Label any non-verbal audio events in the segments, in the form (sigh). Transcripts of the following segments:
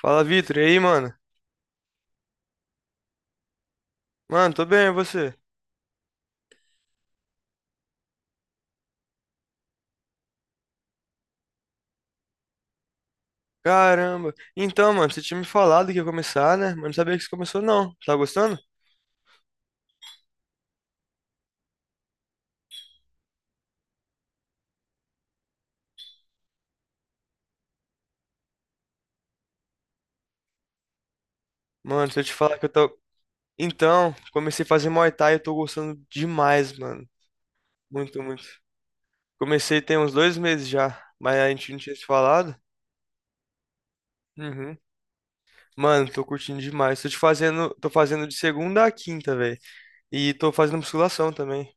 Fala, Vitor. E aí, mano? Mano, tô bem, e você? Caramba. Então, mano, você tinha me falado que ia começar, né? Mas não sabia que você começou, não. Tá gostando? Mano, se eu te falar que eu tô. Então, comecei a fazer Muay Thai e eu tô gostando demais, mano. Muito, muito. Comecei tem uns 2 meses já, mas a gente não tinha se falado. Uhum. Mano, tô curtindo demais. Tô fazendo de segunda a quinta, velho. E tô fazendo musculação também.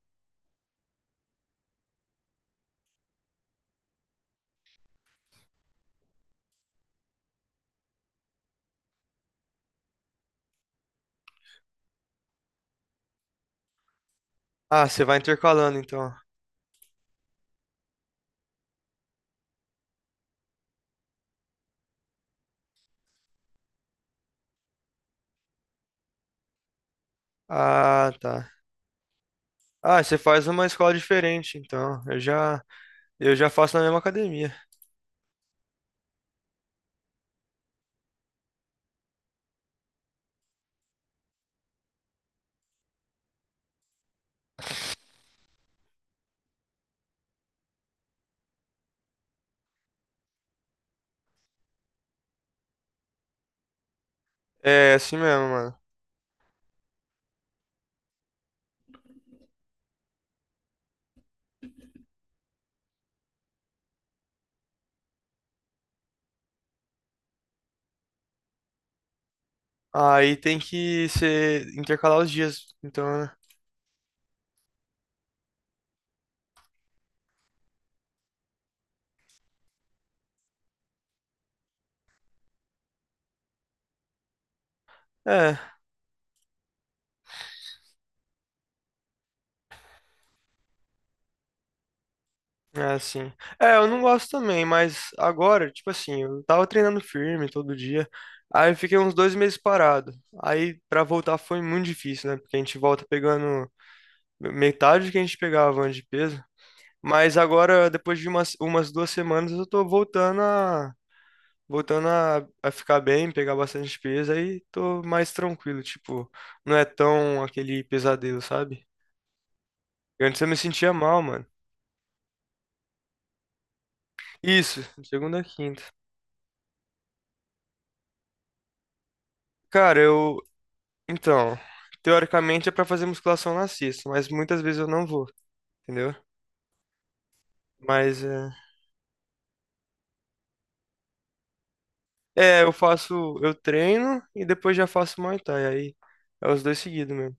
Ah, você vai intercalando, então. Ah, tá. Ah, você faz uma escola diferente, então. Eu já faço na mesma academia. É assim mesmo, mano. Aí tem que ser intercalar os dias, então, né? É, é assim. É, eu não gosto também, mas agora, tipo assim, eu tava treinando firme todo dia. Aí eu fiquei uns 2 meses parado. Aí pra voltar foi muito difícil, né? Porque a gente volta pegando metade do que a gente pegava antes de peso. Mas agora, depois de umas 2 semanas, eu tô voltando a ficar bem, pegar bastante peso, aí tô mais tranquilo, tipo, não é tão aquele pesadelo, sabe? Antes eu me sentia mal, mano. Isso, segunda a quinta. Cara, eu, então, teoricamente é pra fazer musculação na sexta, mas muitas vezes eu não vou, entendeu? Mas é, é, eu faço, eu treino e depois já faço Muay Thai, aí é os dois seguidos mesmo.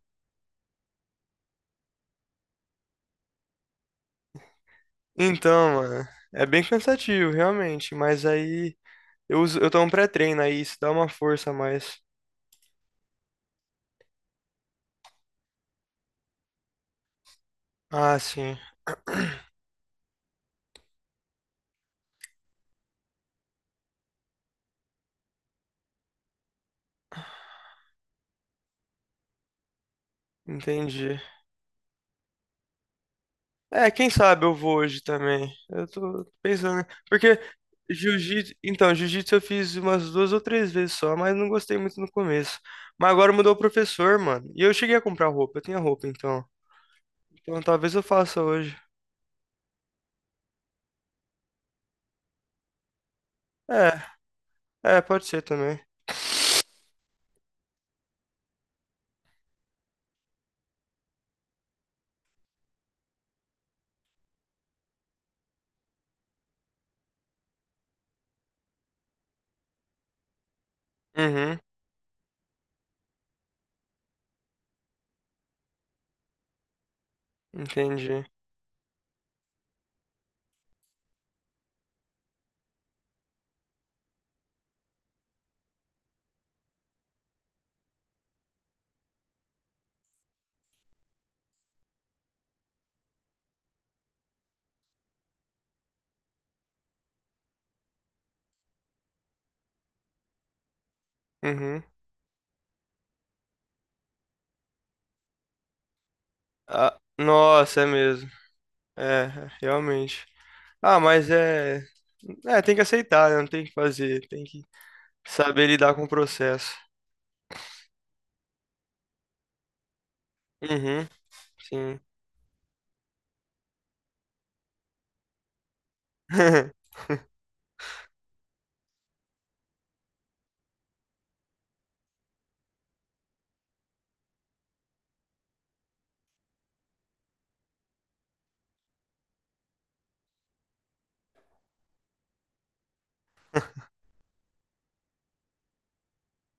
Então, mano, é bem cansativo, realmente, mas aí eu tomo pré-treino, aí isso dá uma força a mais. Ah, sim, entendi. É, quem sabe eu vou hoje também. Eu tô pensando, né? Porque jiu-jitsu, então, jiu-jitsu eu fiz umas duas ou três vezes só, mas não gostei muito no começo. Mas agora mudou o professor, mano. E eu cheguei a comprar roupa, eu tinha roupa então. Então talvez eu faça hoje. É, é, pode ser também. Uhum, entendi. Uhum. Ah, nossa, é mesmo. É, realmente. Ah, mas é, é, tem que aceitar, né? Não tem o que fazer, tem que saber lidar com o processo. Uhum, sim. (laughs)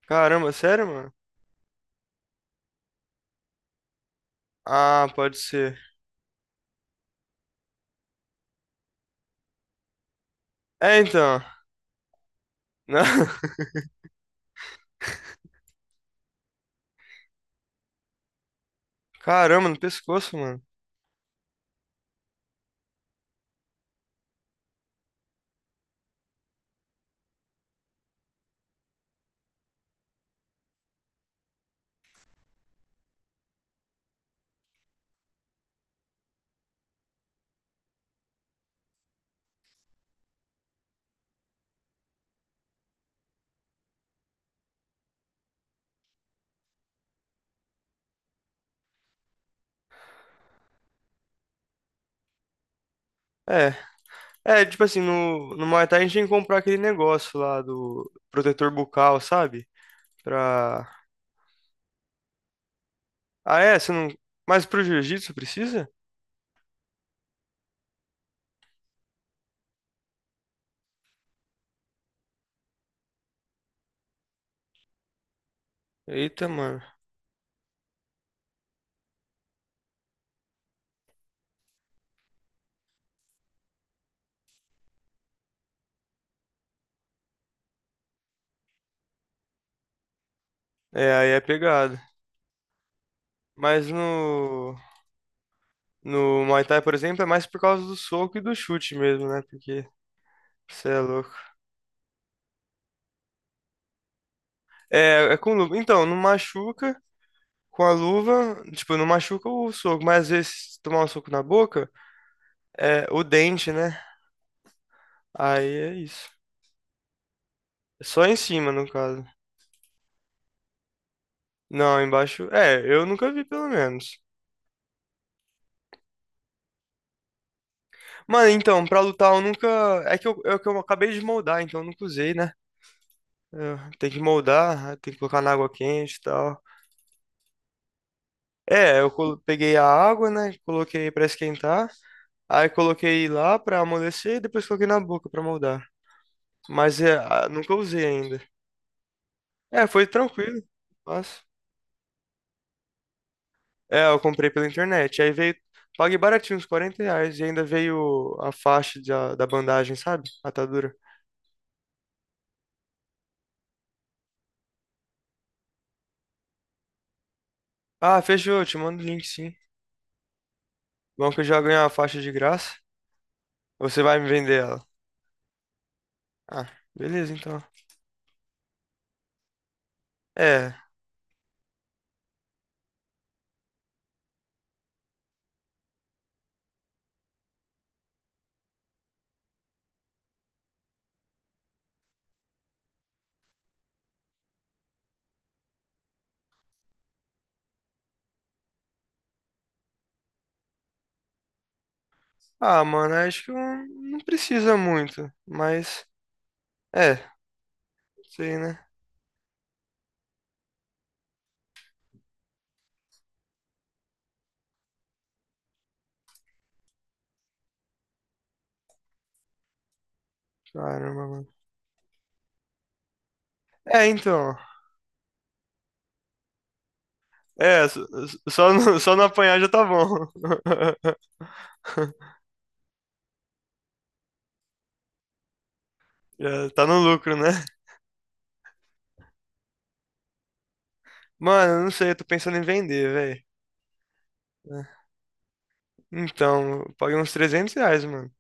Caramba, sério, mano? Ah, pode ser. É, então. Não. (laughs) Caramba, no pescoço, mano. É. É, tipo assim, no Muay Thai a gente tem que comprar aquele negócio lá do protetor bucal, sabe? Pra. Ah, é? Você não. Mas pro jiu-jitsu precisa? Eita, mano. É, aí é pegado. Mas no. No Muay Thai, por exemplo, é mais por causa do soco e do chute mesmo, né? Porque. Você é louco. É, é com luva. Então, não machuca. Com a luva, tipo, não machuca o soco, mas às vezes se tomar um soco na boca, é o dente, né? Aí é isso. É só em cima, no caso. Não, embaixo. É, eu nunca vi, pelo menos. Mano, então, pra lutar eu nunca. É que eu acabei de moldar, então eu nunca usei, né? Eu- Tem que moldar, tem que colocar na água quente e tal. É, eu colo- peguei a água, né? Coloquei pra esquentar. Aí coloquei lá pra amolecer e depois coloquei na boca pra moldar. Mas é, ah, nunca usei ainda. É, foi tranquilo. Mas... É, eu comprei pela internet. Aí veio. Paguei baratinho, uns R$ 40. E ainda veio a faixa da bandagem, sabe? Atadura. Ah, fechou. Eu Te mando o link, sim. Bom que eu já ganhei a faixa de graça. Você vai me vender ela. Ah, beleza, então. É. Ah, mano, acho que não precisa muito. Mas. É, sei, né? Caramba, mano. É, então. É, só não apanhar já tá bom. (laughs) Já tá no lucro, né? Mano, eu não sei, eu tô pensando em vender, velho. É. Então, eu paguei uns R$ 300, mano.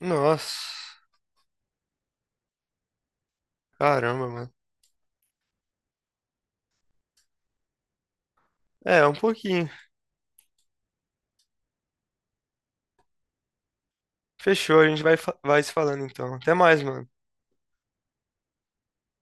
Nossa, caramba, mano. É, um pouquinho. Fechou, a gente vai, fa- vai se falando então. Até mais, mano.